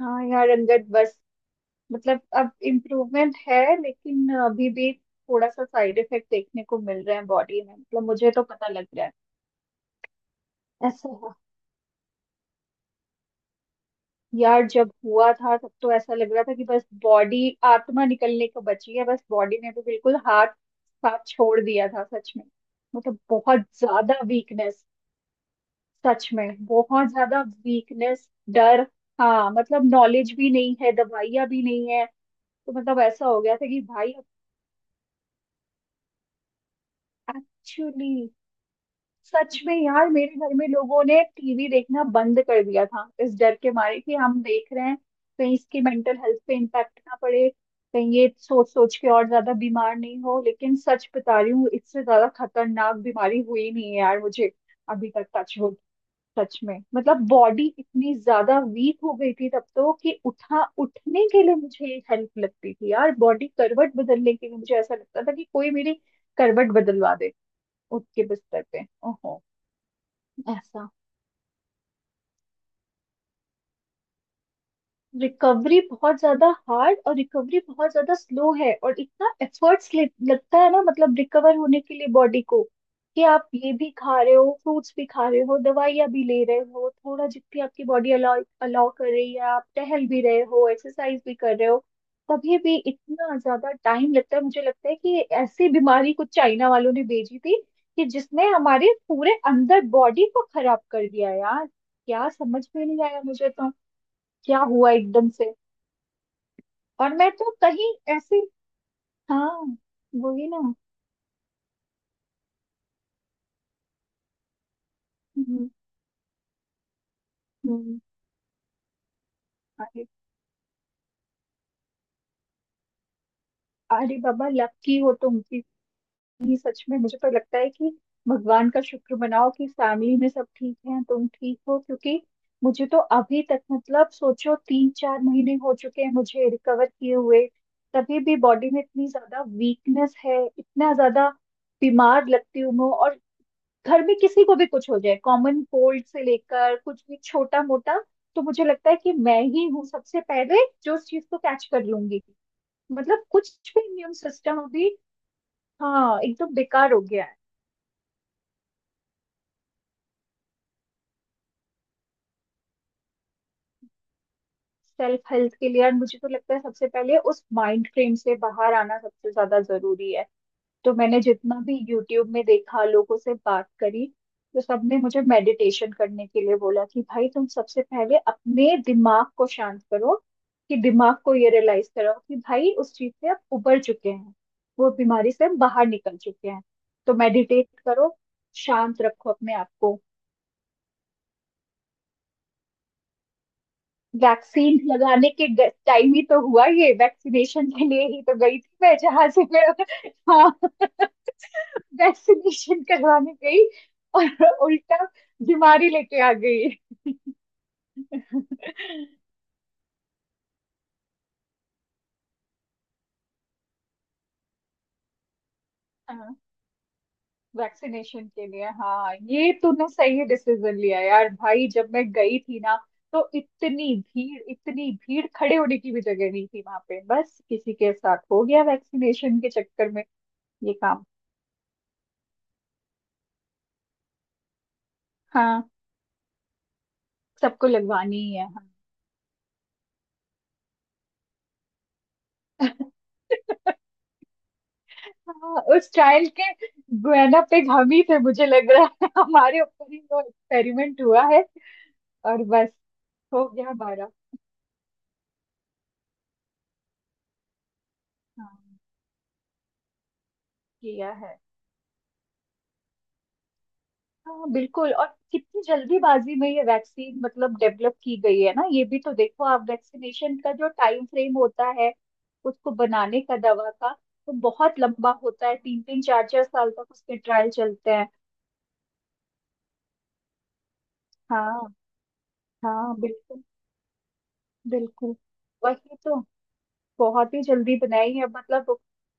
हाँ यार अंगद। बस मतलब अब इम्प्रूवमेंट है लेकिन अभी भी थोड़ा सा साइड इफेक्ट देखने को मिल रहे हैं बॉडी में। मतलब मुझे तो पता लग रहा है। ऐसा है यार, जब हुआ था तब तो ऐसा लग रहा था कि बस बॉडी आत्मा निकलने को बची है। बस बॉडी ने भी बिल्कुल हाथ साथ छोड़ दिया था सच में। मतलब बहुत ज्यादा वीकनेस, सच में बहुत ज्यादा वीकनेस, डर। हाँ मतलब नॉलेज भी नहीं है, दवाइयाँ भी नहीं है तो मतलब ऐसा हो गया था कि भाई अब एक्चुअली सच में यार मेरे घर में लोगों ने टीवी देखना बंद कर दिया था इस डर के मारे कि हम देख रहे हैं कहीं इसकी मेंटल हेल्थ पे इम्पैक्ट ना पड़े, कहीं ये सोच सोच के और ज्यादा बीमार नहीं हो। लेकिन सच बता रही हूँ, इससे ज्यादा खतरनाक बीमारी हुई नहीं है यार मुझे अभी तक, टच हो। सच में मतलब बॉडी इतनी ज्यादा वीक हो गई थी तब तो कि उठा उठने के लिए मुझे हेल्प लगती थी यार। बॉडी करवट बदलने के लिए मुझे ऐसा लगता था कि कोई मेरी करवट बदलवा दे, उठ के बिस्तर पे। ओहो ऐसा। रिकवरी बहुत ज्यादा हार्ड और रिकवरी बहुत ज्यादा स्लो है, और इतना एफर्ट्स लगता है ना मतलब रिकवर होने के लिए बॉडी को कि आप ये भी खा रहे हो, फ्रूट्स भी खा रहे हो, दवाइयाँ भी ले रहे हो, थोड़ा जितनी आपकी बॉडी अलाउ अलाउ कर रही है आप टहल भी रहे हो, एक्सरसाइज भी कर रहे हो, तभी भी इतना ज्यादा टाइम लगता है। मुझे लगता है कि ऐसी बीमारी कुछ चाइना वालों ने भेजी थी कि जिसने हमारे पूरे अंदर बॉडी को खराब कर दिया यार। क्या समझ में नहीं आया मुझे तो, क्या हुआ एकदम से। और मैं तो कहीं ऐसे। हाँ, वही ना। हम्म, हम्म, अरे, अरे बाबा, लकी हो तुम कि सच में मुझे तो लगता है कि भगवान का शुक्र मनाओ कि फैमिली में सब ठीक है, तुम ठीक हो। क्योंकि मुझे तो अभी तक मतलब सोचो 3-4 महीने हो चुके हैं मुझे रिकवर किए हुए, तभी भी बॉडी में इतनी ज्यादा वीकनेस है, इतना ज्यादा बीमार लगती हूँ मैं। और घर में किसी को भी कुछ हो जाए, कॉमन कोल्ड से लेकर कुछ भी छोटा मोटा, तो मुझे लगता है कि मैं ही हूँ सबसे पहले जो उस चीज को कैच कर लूंगी। मतलब कुछ भी इम्यून सिस्टम अभी, हाँ, एकदम बेकार हो गया है। सेल्फ हेल्थ के लिए, और मुझे तो लगता है सबसे पहले उस माइंड फ्रेम से बाहर आना सबसे ज्यादा जरूरी है। तो मैंने जितना भी यूट्यूब में देखा, लोगों से बात करी तो सबने मुझे मेडिटेशन करने के लिए बोला कि भाई तुम सबसे पहले अपने दिमाग को शांत करो, कि दिमाग को ये रियलाइज करो कि भाई उस चीज से आप उबर चुके हैं, वो बीमारी से हम बाहर निकल चुके हैं। तो मेडिटेट करो, शांत रखो अपने आप को। वैक्सीन लगाने के टाइम ही तो हुआ ये, वैक्सीनेशन के लिए ही तो गई थी मैं, जहां से मैं हाँ, वैक्सीनेशन करवाने गई और उल्टा बीमारी लेके आ गई। हाँ वैक्सीनेशन के लिए। हाँ ये तूने सही डिसीजन लिया यार। भाई जब मैं गई थी ना तो इतनी भीड़, इतनी भीड़, खड़े होने की भी जगह नहीं थी वहां पे। बस किसी के साथ हो गया वैक्सीनेशन के चक्कर में ये काम। हाँ सबको लगवानी ही है। हाँ। हाँ, उस चाइल्ड के गुआना पे हम ही थे मुझे लग रहा है। हमारे ऊपर ही वो एक्सपेरिमेंट हुआ है और बस हो गया बारह। हाँ किया है। हाँ बिल्कुल, और कितनी जल्दीबाजी में ये वैक्सीन मतलब डेवलप की गई है ना। ये भी तो देखो आप, वैक्सीनेशन का जो टाइम फ्रेम होता है उसको बनाने का, दवा का, तो बहुत लंबा होता है। तीन तीन चार चार साल तक उसके ट्रायल चलते हैं। हाँ हाँ बिल्कुल, बिल्कुल वही तो। बहुत ही जल्दी बनाई है मतलब,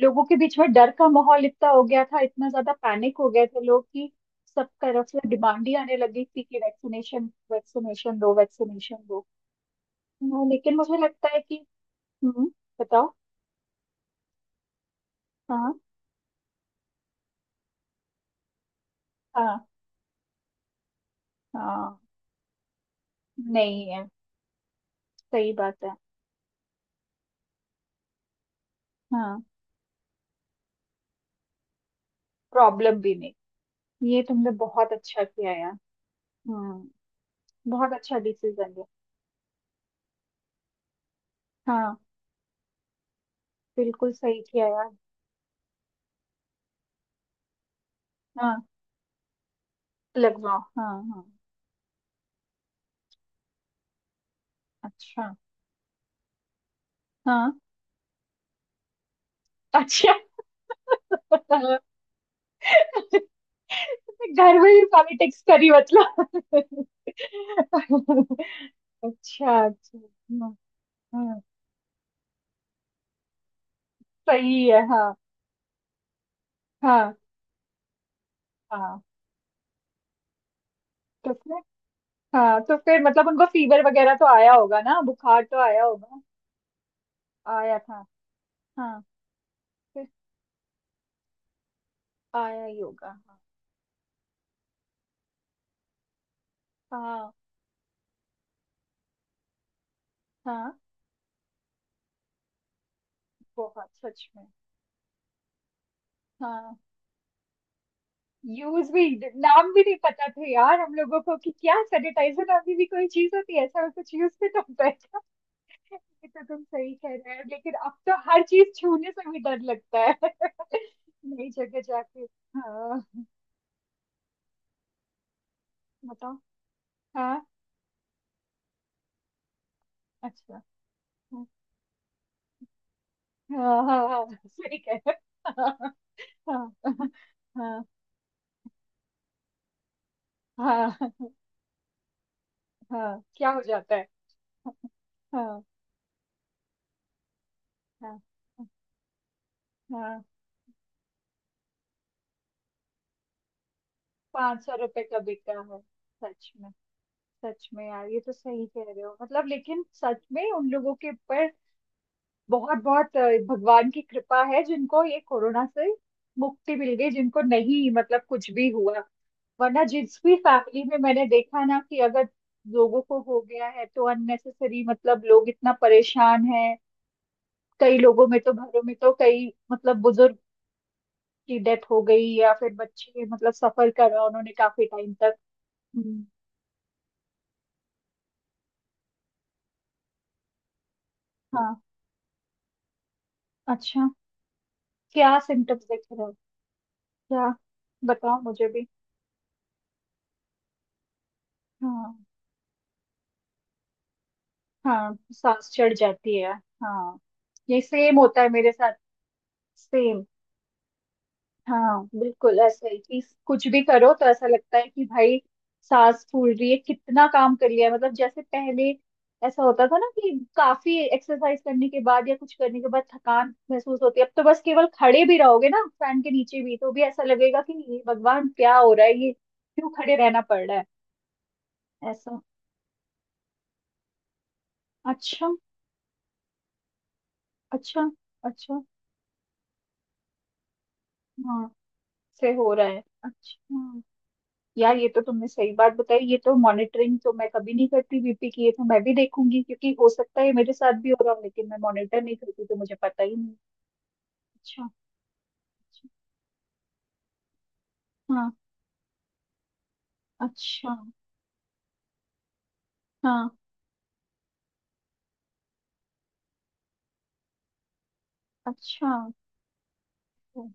लोगों के बीच में डर का माहौल इतना हो गया था, इतना ज्यादा पैनिक हो गए थे लोग कि सब तरफ से डिमांड ही आने लगी थी कि वैक्सीनेशन, वैक्सीनेशन दो, वैक्सीनेशन दो। हाँ, लेकिन मुझे लगता है कि। हम्म बताओ। हाँ हाँ हाँ। नहीं है। सही बात है। हाँ प्रॉब्लम भी नहीं। ये तुमने बहुत अच्छा किया यार। हम्म। बहुत अच्छा डिसीजन है। हाँ बिल्कुल सही किया यार। हाँ लगवाओ, हाँ हाँ। अच्छा। हाँ अच्छा। घर में भी पॉलिटिक्स करी मतलब। अच्छा अच्छा। हाँ, हाँ, सही है। हाँ हाँ हाँ तो फिर, हाँ तो फिर मतलब उनको फीवर वगैरह तो आया होगा ना, बुखार तो आया होगा। आया था हाँ। फिर आया ही होगा। हाँ हाँ। हाँ बहुत सच में। हाँ यूज भी, नाम भी नहीं पता था यार हम लोगों को कि क्या सैनिटाइजर अभी भी कोई चीज होती है, ऐसा कुछ यूज भी तो होता है। ये तो तुम सही कह रहे हो, लेकिन अब तो हर चीज छूने से भी डर लगता है। नई जगह जाके, हाँ। बताओ। हाँ। अच्छा। हाँ हाँ। हाँ, सही कह रहे हो। हाँ हाँ हाँ हाँ। हाँ, क्या हो जाता है। हाँ हाँ हाँ। 500 रुपए का बिका है सच में? सच में यार ये तो सही कह रहे हो मतलब। लेकिन सच में उन लोगों के ऊपर बहुत बहुत भगवान की कृपा है जिनको ये कोरोना से मुक्ति मिल गई। जिनको नहीं मतलब कुछ भी हुआ, वरना जिस भी फैमिली में मैंने देखा ना कि अगर लोगों को हो गया है तो अननेसेसरी मतलब लोग इतना परेशान हैं। कई लोगों में तो, घरों में तो कई मतलब बुजुर्ग की डेथ हो गई, या फिर बच्चे मतलब सफर करा उन्होंने काफी टाइम तक। हम्म, हाँ। अच्छा, क्या सिम्टम्स दिख रहे हैं? क्या बताओ मुझे भी। हाँ। हाँ सांस चढ़ जाती है। हाँ ये सेम होता है मेरे साथ, सेम। हाँ बिल्कुल ऐसा ही कि कुछ भी करो तो ऐसा लगता है कि भाई सांस फूल रही है, कितना काम कर लिया है। मतलब जैसे पहले ऐसा होता था ना कि काफी एक्सरसाइज करने के बाद या कुछ करने के बाद थकान महसूस होती है, अब तो बस केवल खड़े भी रहोगे ना फैन के नीचे भी तो भी ऐसा लगेगा कि ये भगवान क्या हो रहा है, ये क्यों खड़े रहना पड़ रहा है ऐसा। अच्छा अच्छा। अच्छा हाँ, से हो रहा है अच्छा। यार ये तो तुमने सही बात बताई, ये तो मॉनिटरिंग तो मैं कभी नहीं करती बीपी की। ये तो मैं भी देखूंगी, क्योंकि हो सकता है ये मेरे साथ भी हो रहा हो लेकिन मैं मॉनिटर नहीं करती तो मुझे पता ही नहीं। अच्छा अच्छा, हाँ। अच्छा। हाँ अच्छा तो,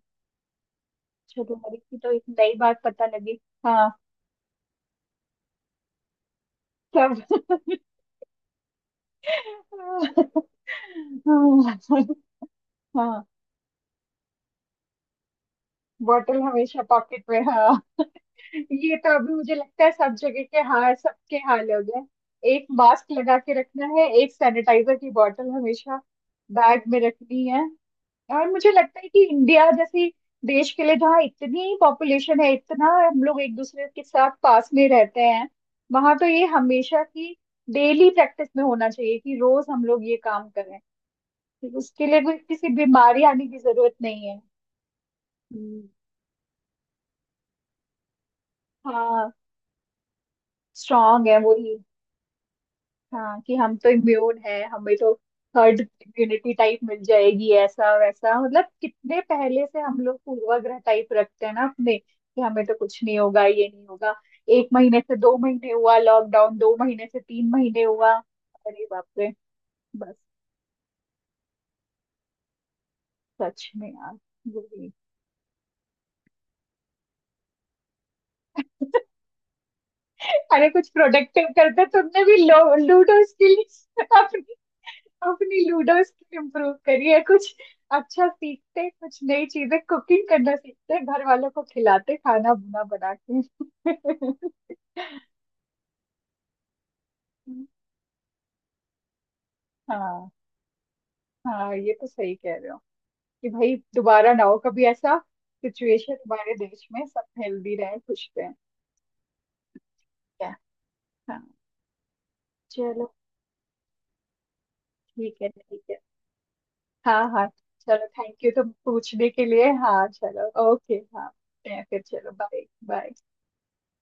चलो मेरे की तो एक नई बात पता लगी। हाँ तब हाँ। हाँ। बॉटल हमेशा पॉकेट में, हाँ। ये तो अभी मुझे लगता है सब जगह के, हाँ, सबके हाल हो गए, एक मास्क लगा के रखना है, एक सैनिटाइजर की बॉटल हमेशा बैग में रखनी है। और मुझे लगता है कि इंडिया जैसी देश के लिए जहाँ इतनी पॉपुलेशन है, इतना हम लोग एक दूसरे के साथ पास में रहते हैं, वहां तो ये हमेशा की डेली प्रैक्टिस में होना चाहिए, कि रोज हम लोग ये काम करें। उसके लिए कोई किसी बीमारी आने की जरूरत नहीं है। हम्म, हाँ। स्ट्रांग है वही, हाँ, कि हम तो इम्यून है, हमें तो हर्ड इम्यूनिटी टाइप मिल जाएगी, ऐसा वैसा। मतलब कितने पहले से हम लोग पूर्वाग्रह टाइप रखते हैं ना अपने, कि हमें तो कुछ नहीं होगा, ये नहीं होगा। एक महीने से दो महीने हुआ लॉकडाउन, दो महीने से तीन महीने हुआ, अरे बाप रे। बस, सच में यार, वही। अरे कुछ प्रोडक्टिव करते तो, तुमने भी लूडो स्किल अपनी, अपनी लूडो स्किल इम्प्रूव करिए कुछ। अच्छा सीखते कुछ नई चीजें, कुकिंग करना सीखते, घर वालों को खिलाते खाना बुना बना के। हाँ हाँ ये तो सही कह रहे हो कि भाई दोबारा ना हो कभी ऐसा सिचुएशन हमारे देश में, सब हेल्दी रहे, खुश रहे। क्या। हाँ चलो। ठीक है ठीक है। हाँ हाँ चलो, थैंक यू तुम पूछने के लिए। हाँ चलो, ओके। हाँ ठीक है, फिर चलो, बाय बाय।